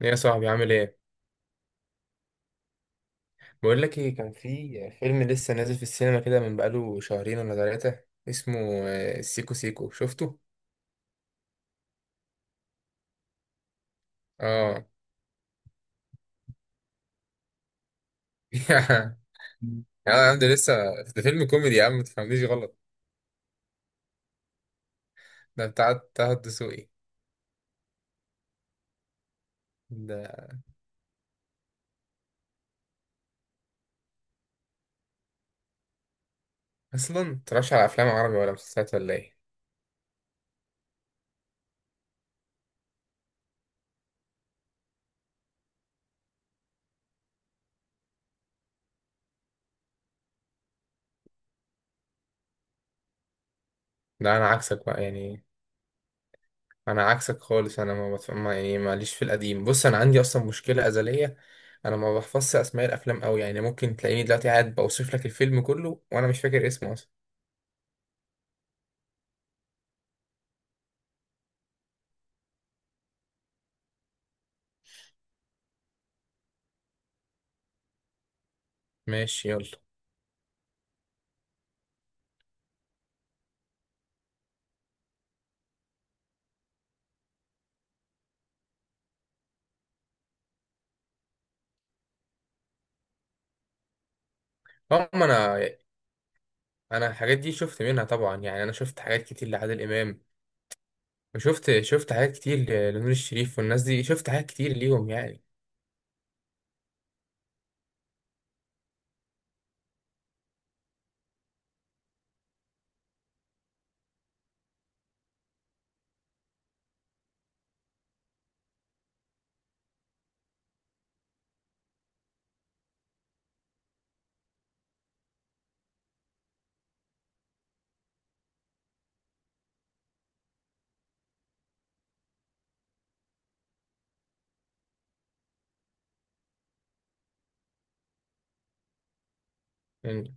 يا صاحبي، عامل ايه؟ بقول لك ايه، كان في فيلم لسه نازل في السينما كده من بقاله شهرين ولا ثلاثة. اسمه سيكو سيكو. شفته؟ اه. يا عم ده لسه، ده فيلم كوميدي يا عم، ما تفهمنيش غلط. ده بتاع طه الدسوقي. ده اصلا متتفرجش على افلام عربي ولا مسلسلات ولا ايه؟ ده انا عكسك بقى يعني، انا عكسك خالص. انا ما بتف- ما- يعني ماليش في القديم. بص، انا عندي اصلا مشكلة ازلية. انا ما بحفظش اسماء الافلام قوي، يعني ممكن تلاقيني دلوقتي قاعد بوصف لك الفيلم كله وانا مش فاكر اسمه اصلا. ماشي، يلا. هم، انا الحاجات دي شفت منها طبعا، يعني انا شفت حاجات كتير لعادل امام. وشفت حاجات كتير لنور الشريف والناس دي، شفت حاجات كتير ليهم يعني. يعني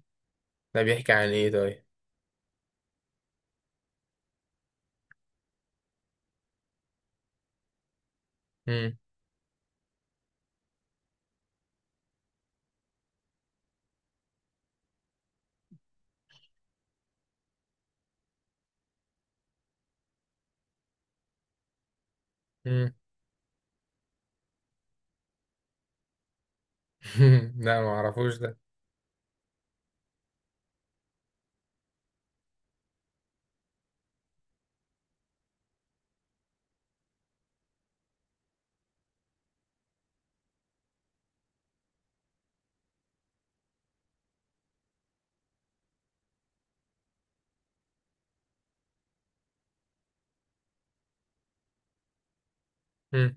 ده بيحكي عن ايه طيب؟ مم. مم. لا، ما اعرفوش ده. مم.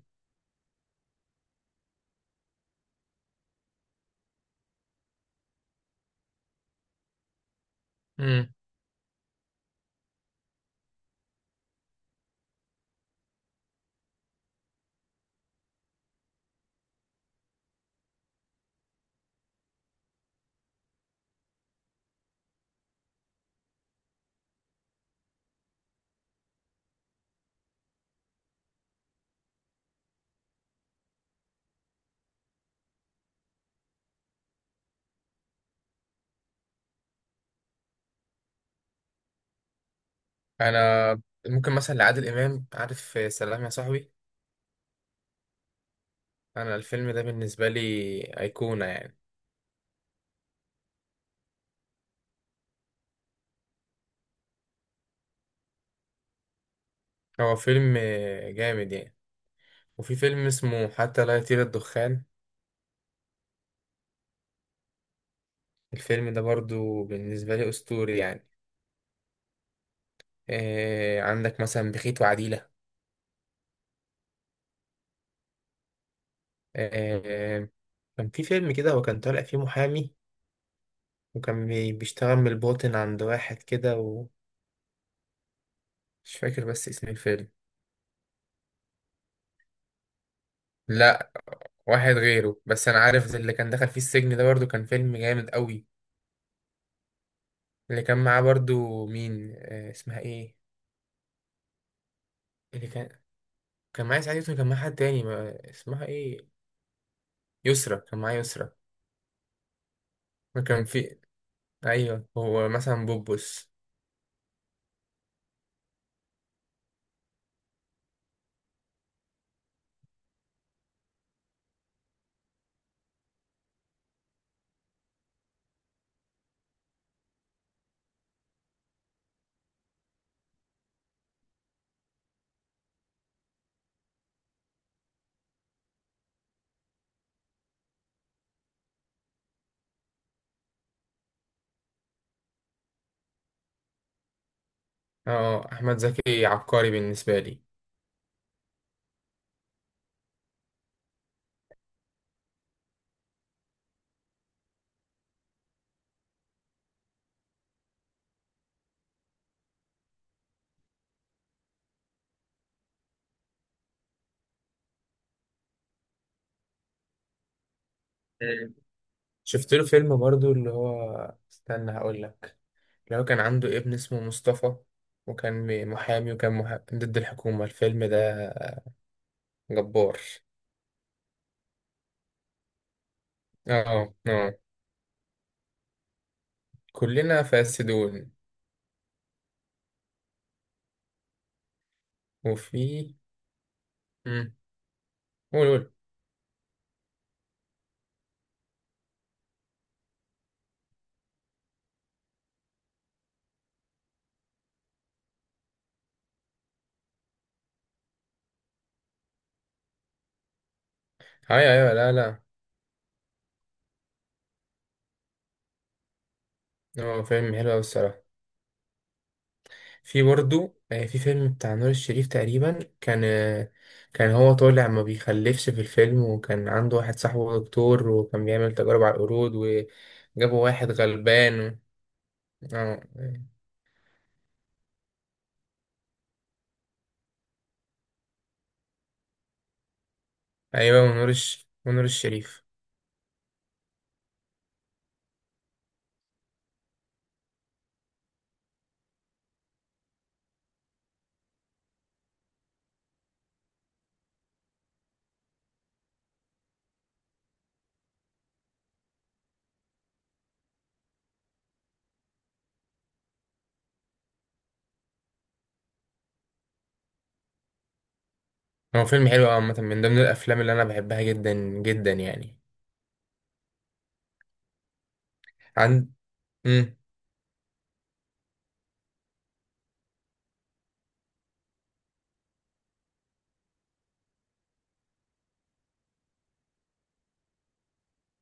مم. انا ممكن مثلا لعادل امام، عارف، سلام يا صاحبي. انا الفيلم ده بالنسبه لي ايقونه يعني. هو فيلم جامد يعني. وفي فيلم اسمه حتى لا يطير الدخان، الفيلم ده برضو بالنسبه لي اسطوري يعني. عندك مثلا بخيت وعديلة. آه، كان في فيلم كده، هو كان طالع فيه محامي، وكان بيشتغل من الباطن عند واحد كده، ومش فاكر بس اسم الفيلم. لا، واحد غيره، بس انا عارف ده اللي كان دخل فيه السجن، ده برضو كان فيلم جامد قوي. اللي كان معاه برضو مين، اسمها ايه؟ اللي كان، كان معاه سعاد يوسف، كان معاه حد تاني ما... اسمها ايه؟ يسرا، كان معاه يسرا. وكان في، ايوه هو مثلا بوبوس. اه، احمد زكي عبقري بالنسبة لي. شفت له فيلم برضو اللي هو، استنى هقول لك. اللي هو كان عنده ابن اسمه مصطفى، وكان محامي ضد الحكومة. الفيلم ده جبار. اه، اه، كلنا فاسدون. وفي، امم قول قول. ايوه، ايوه، لا، لا. اه، فيلم حلو أوي الصراحة. في برضو في فيلم بتاع نور الشريف، تقريبا كان كان هو طالع ما بيخلفش في الفيلم، وكان عنده واحد صاحبه دكتور، وكان بيعمل تجارب على القرود وجابوا واحد غلبان. اه، ايوه، ونور الشريف. هو فيلم حلو أوي عامة، من ضمن الافلام اللي انا بحبها جدا جدا يعني. عند، امم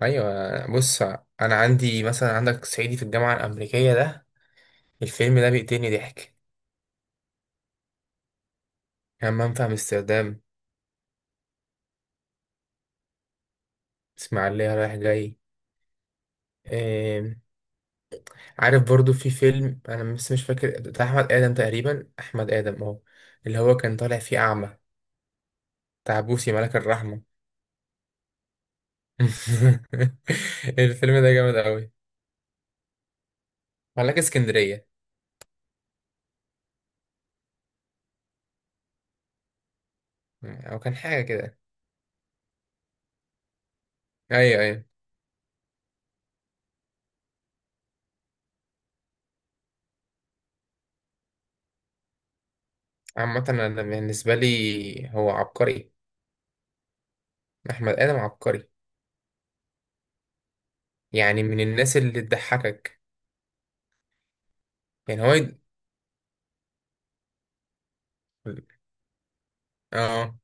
ايوه، بص، انا عندي مثلا، عندك صعيدي في الجامعة الامريكية ده، الفيلم ده بيقتلني ضحك. همام في امستردام. اسماعيلية رايح جاي. إيه... عارف برضو في فيلم، انا بس مش فاكر، بتاع احمد ادم تقريبا، احمد ادم، اه، اللي هو كان طالع فيه اعمى، بتاع بوسي، ملاك الرحمة. الفيلم ده جامد أوي. ملاك اسكندرية، أو كان حاجة كده. أيوه، أيوه. عامة أنا بالنسبة لي هو عبقري، أحمد آدم عبقري، يعني من الناس اللي تضحكك. يعني هو يد... آه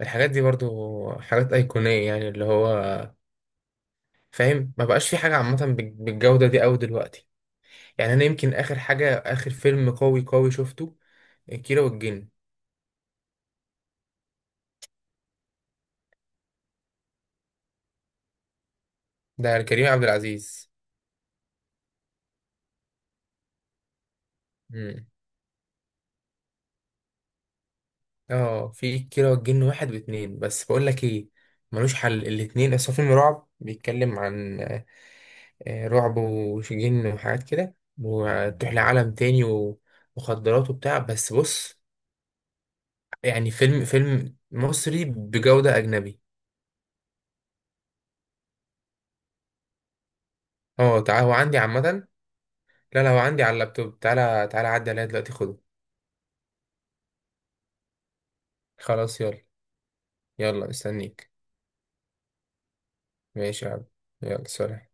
الحاجات دي برضو، حاجات أيقونية، يعني اللي هو فاهم، ما بقاش في حاجة عامة بالجودة دي أوي دلوقتي. يعني أنا يمكن آخر حاجة، آخر فيلم قوي قوي شفته، كيرة والجن. ده كريم عبد العزيز. اه، في كيرة والجن واحد واتنين، بس بقول لك ايه، ملوش حل الاتنين. اصل هو فيلم رعب بيتكلم عن رعب وجن وحاجات كده، وتروح لعالم تاني ومخدرات وبتاع، بس بص، يعني فيلم مصري بجودة أجنبي. اه، تعال، هو عندي عامة. لا، لا، هو عندي على اللابتوب، تعالى تعالى عدي عليا دلوقتي خده. خلاص، يلا. يلا مستنيك. ماشي يا عم. يلا سلام.